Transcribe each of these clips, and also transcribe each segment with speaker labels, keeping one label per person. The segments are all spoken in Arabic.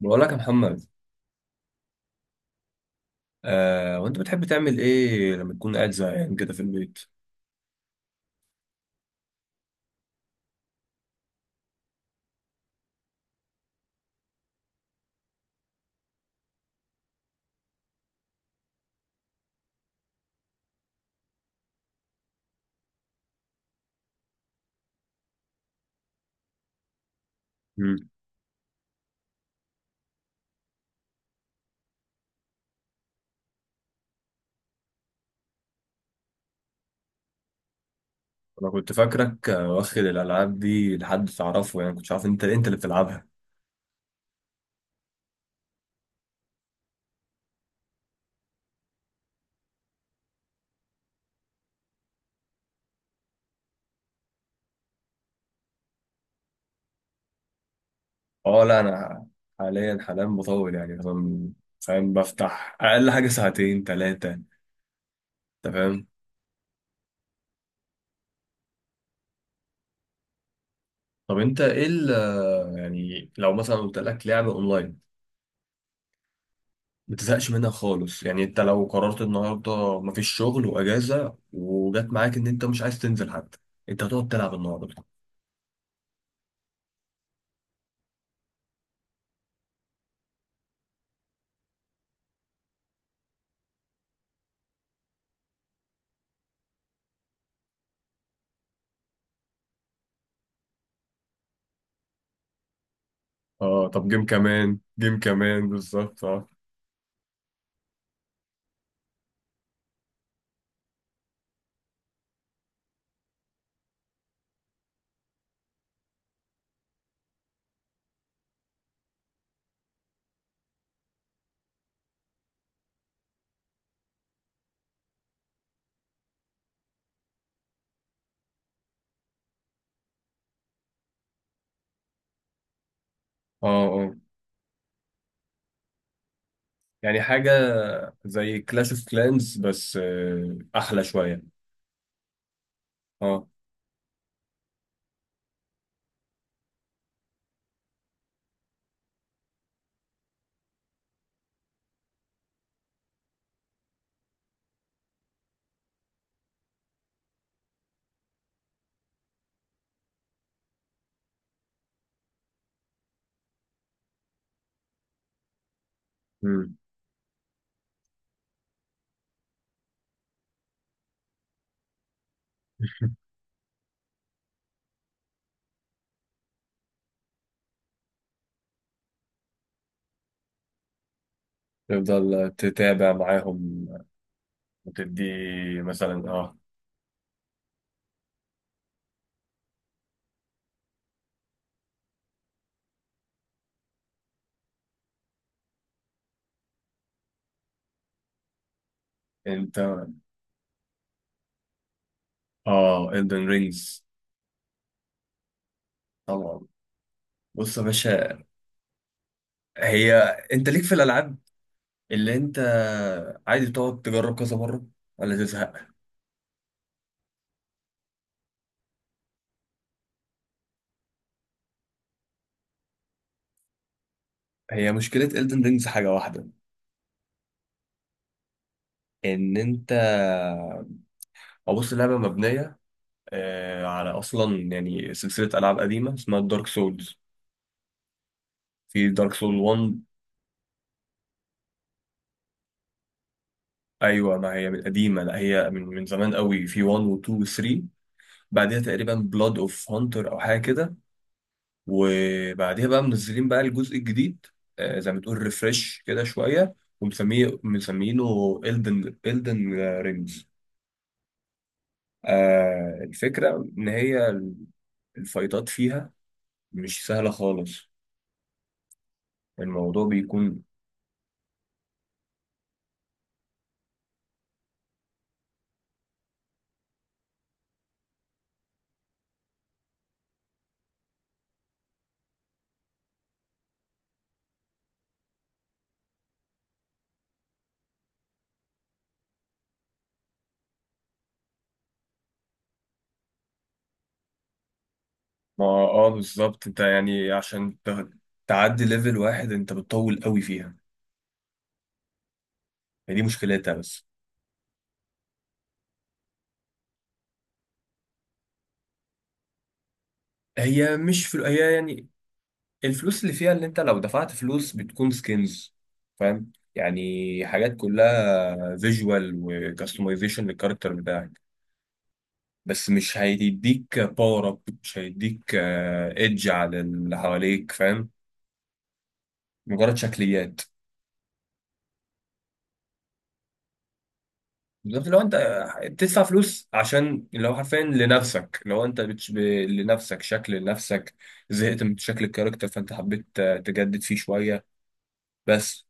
Speaker 1: بقول لك يا محمد. وانت بتحب تعمل ايه لما تكون قاعد زهقان كده في البيت؟ مم. انا كنت فاكرك واخد الالعاب دي لحد تعرفه، يعني كنت عارف انت اللي بتلعبها. اه، لا، انا حاليا بطول، يعني مثلا فاهم؟ بفتح اقل حاجه ساعتين ثلاثه، انت فاهم؟ طب انت ايه يعني لو مثلا قلت لك لعبه اونلاين ما تزهقش منها خالص، يعني انت لو قررت النهارده مفيش شغل واجازه، وجت معاك ان انت مش عايز تنزل حتى، انت هتقعد تلعب النهارده؟ اه، طب جيم كمان، جيم كمان بالظبط. اه، اه، اه، يعني حاجة زي كلاش اوف كلانز بس أحلى شوية. اه. مم. تفضل تتابع معاهم وتدي مثلا. اه، انت اه Elden رينجز. طبعا. بص يا باشا، هي انت ليك في الالعاب اللي انت عادي تقعد تجرب كذا مره ولا تزهق؟ هي مشكله Elden رينجز حاجه واحده، ان انت او بص اللعبه مبنيه على، اصلا يعني سلسله العاب قديمه اسمها دارك سولز، في دارك سول 1. ايوه، ما هي من قديمه، لا هي من زمان قوي، في 1 و2 و3. بعدها تقريبا بلاد اوف هانتر او حاجه كده، وبعدها بقى منزلين بقى الجزء الجديد، زي ما تقول ريفرش كده شويه، ومسميه مسمينه الدن رينجز. الفكره ان هي الفايتات فيها مش سهله خالص، الموضوع بيكون. ما اه، بالظبط. انت يعني عشان تعدي ليفل واحد انت بتطول قوي فيها، هي دي مشكلتها بس. هي مش فل... هي يعني الفلوس اللي فيها، اللي انت لو دفعت فلوس بتكون سكنز، فاهم؟ يعني حاجات كلها فيجوال وكاستمايزيشن للكاركتر بتاعك، بس مش هيديك باور اب، مش هيديك ايدج على اللي حواليك، فاهم؟ مجرد شكليات. بالظبط، لو انت بتدفع فلوس عشان اللي هو حرفيا لنفسك، لو لنفسك، شكل لنفسك، زهقت من شكل الكاركتر فانت حبيت تجدد فيه شوية بس.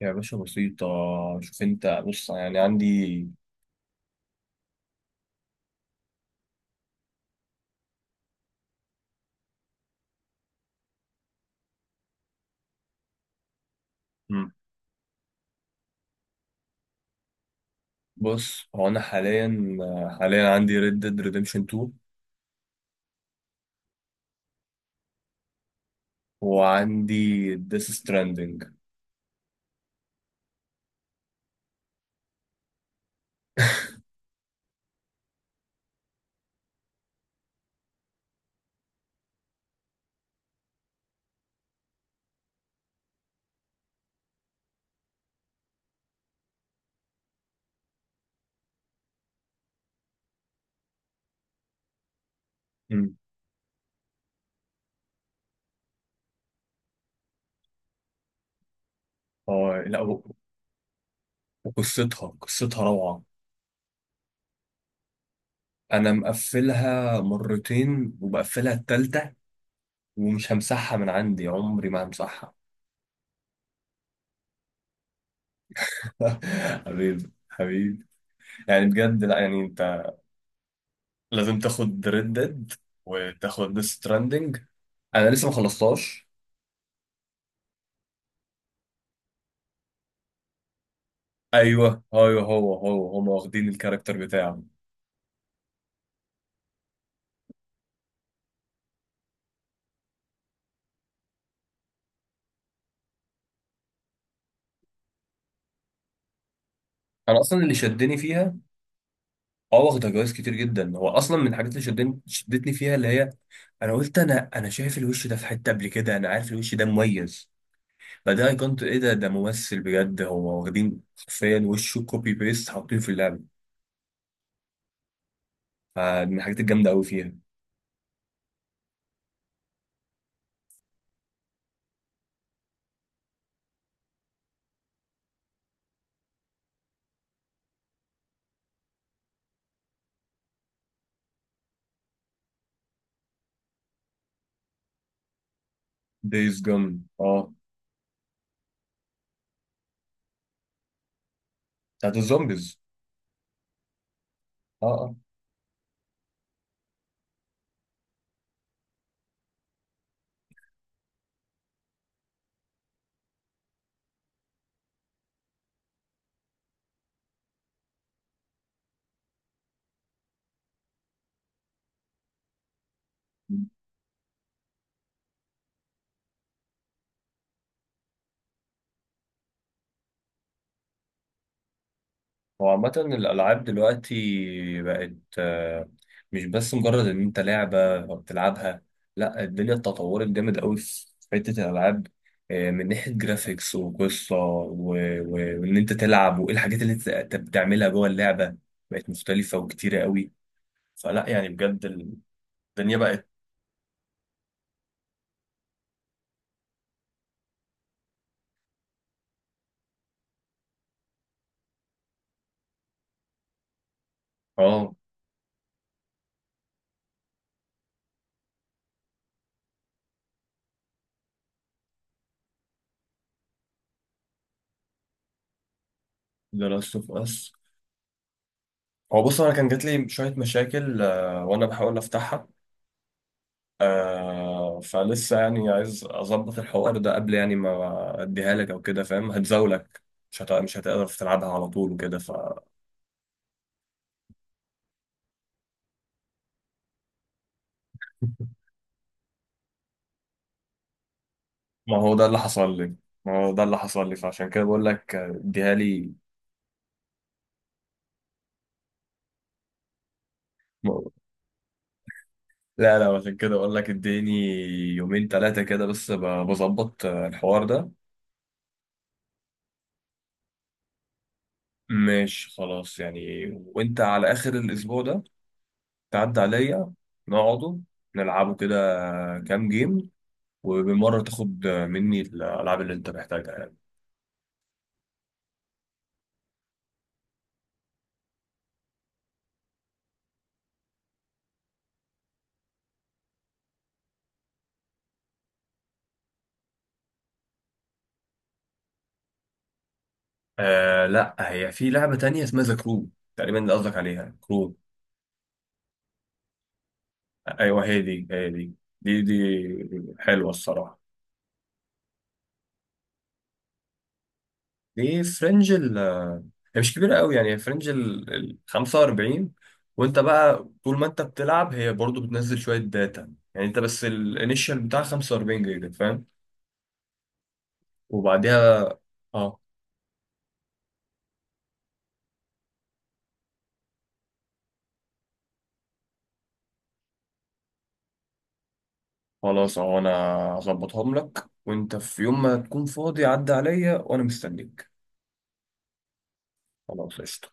Speaker 1: يا باشا بسيطة. شوف انت، بص يعني عندي. مم. بص، هو انا حاليا عندي ريد ديد ريديمشن 2 وعندي ديس ستراندنج. مم. اه، لا، وقصتها روعة. انا مقفلها مرتين وبقفلها التالتة، ومش همسحها من عندي، عمري ما همسحها. حبيبي، حبيبي، يعني بجد. لا يعني انت لازم تاخد ريد ديد، وتاخد ديث ستراندنج. انا لسه ما خلصتهاش. ايوه، ايوه، هو هم واخدين الكاركتر بتاعه. انا اصلا اللي شدني فيها. اه، واخده جوائز كتير جدا. هو اصلا من الحاجات اللي شدتني فيها، اللي هي انا قلت، انا شايف الوش ده في حته قبل كده، انا عارف الوش ده مميز. فده كنت ايه؟ ده ممثل بجد، هو واخدين حرفيا وشه كوبي بيست حاطينه في اللعبه. فمن الحاجات الجامده قوي فيها. دايز جون، اه، بتاعت الزومبيز. اه، اه. هو عامة الألعاب دلوقتي بقت آه، مش بس مجرد إن أنت لعبة بتلعبها، لأ الدنيا اتطورت جامد أوي في حتة الألعاب، من ناحية جرافيكس وقصة وإن أنت تلعب وإيه الحاجات اللي أنت بتعملها جوه اللعبة، بقت مختلفة وكتيرة أوي. فلأ يعني بجد، الدنيا بقت. آه The Last of Us. هو بص، انا كان جات لي شويه مشاكل وانا بحاول افتحها، فلسه يعني عايز اظبط الحوار ده قبل يعني ما اديها لك او كده، فاهم؟ هتزاولك، مش هتقدر تلعبها على طول وكده ف. ما هو ده اللي حصل لي. ما هو ده اللي حصل لي، فعشان كده بقول لك اديها لي. ما- لا، لا، عشان كده بقول لك اديني يومين ثلاثه كده، بس بظبط الحوار ده. ماشي، خلاص يعني. وانت على اخر الاسبوع ده تعدي عليا، نقعده نلعبه كده كام جيم، وبالمرة تاخد مني الألعاب اللي أنت محتاجها يعني. آه، لا، هي في لعبة تانية اسمها ذا كرو تقريبا، اللي قصدك عليها كرو. أيوه، هي دي، هي دي. دي حلوة الصراحة. دي فرنج ال هي مش كبيرة قوي يعني، هي فرنج ال 45، وأنت بقى طول ما أنت بتلعب هي برضو بتنزل شوية داتا، يعني أنت بس الانيشال بتاع 45 جيجا، فاهم؟ وبعدها خلاص. اهو انا هظبطهم لك، وانت في يوم ما تكون فاضي عدى عليا، وانا مستنيك. خلاص، قشطة.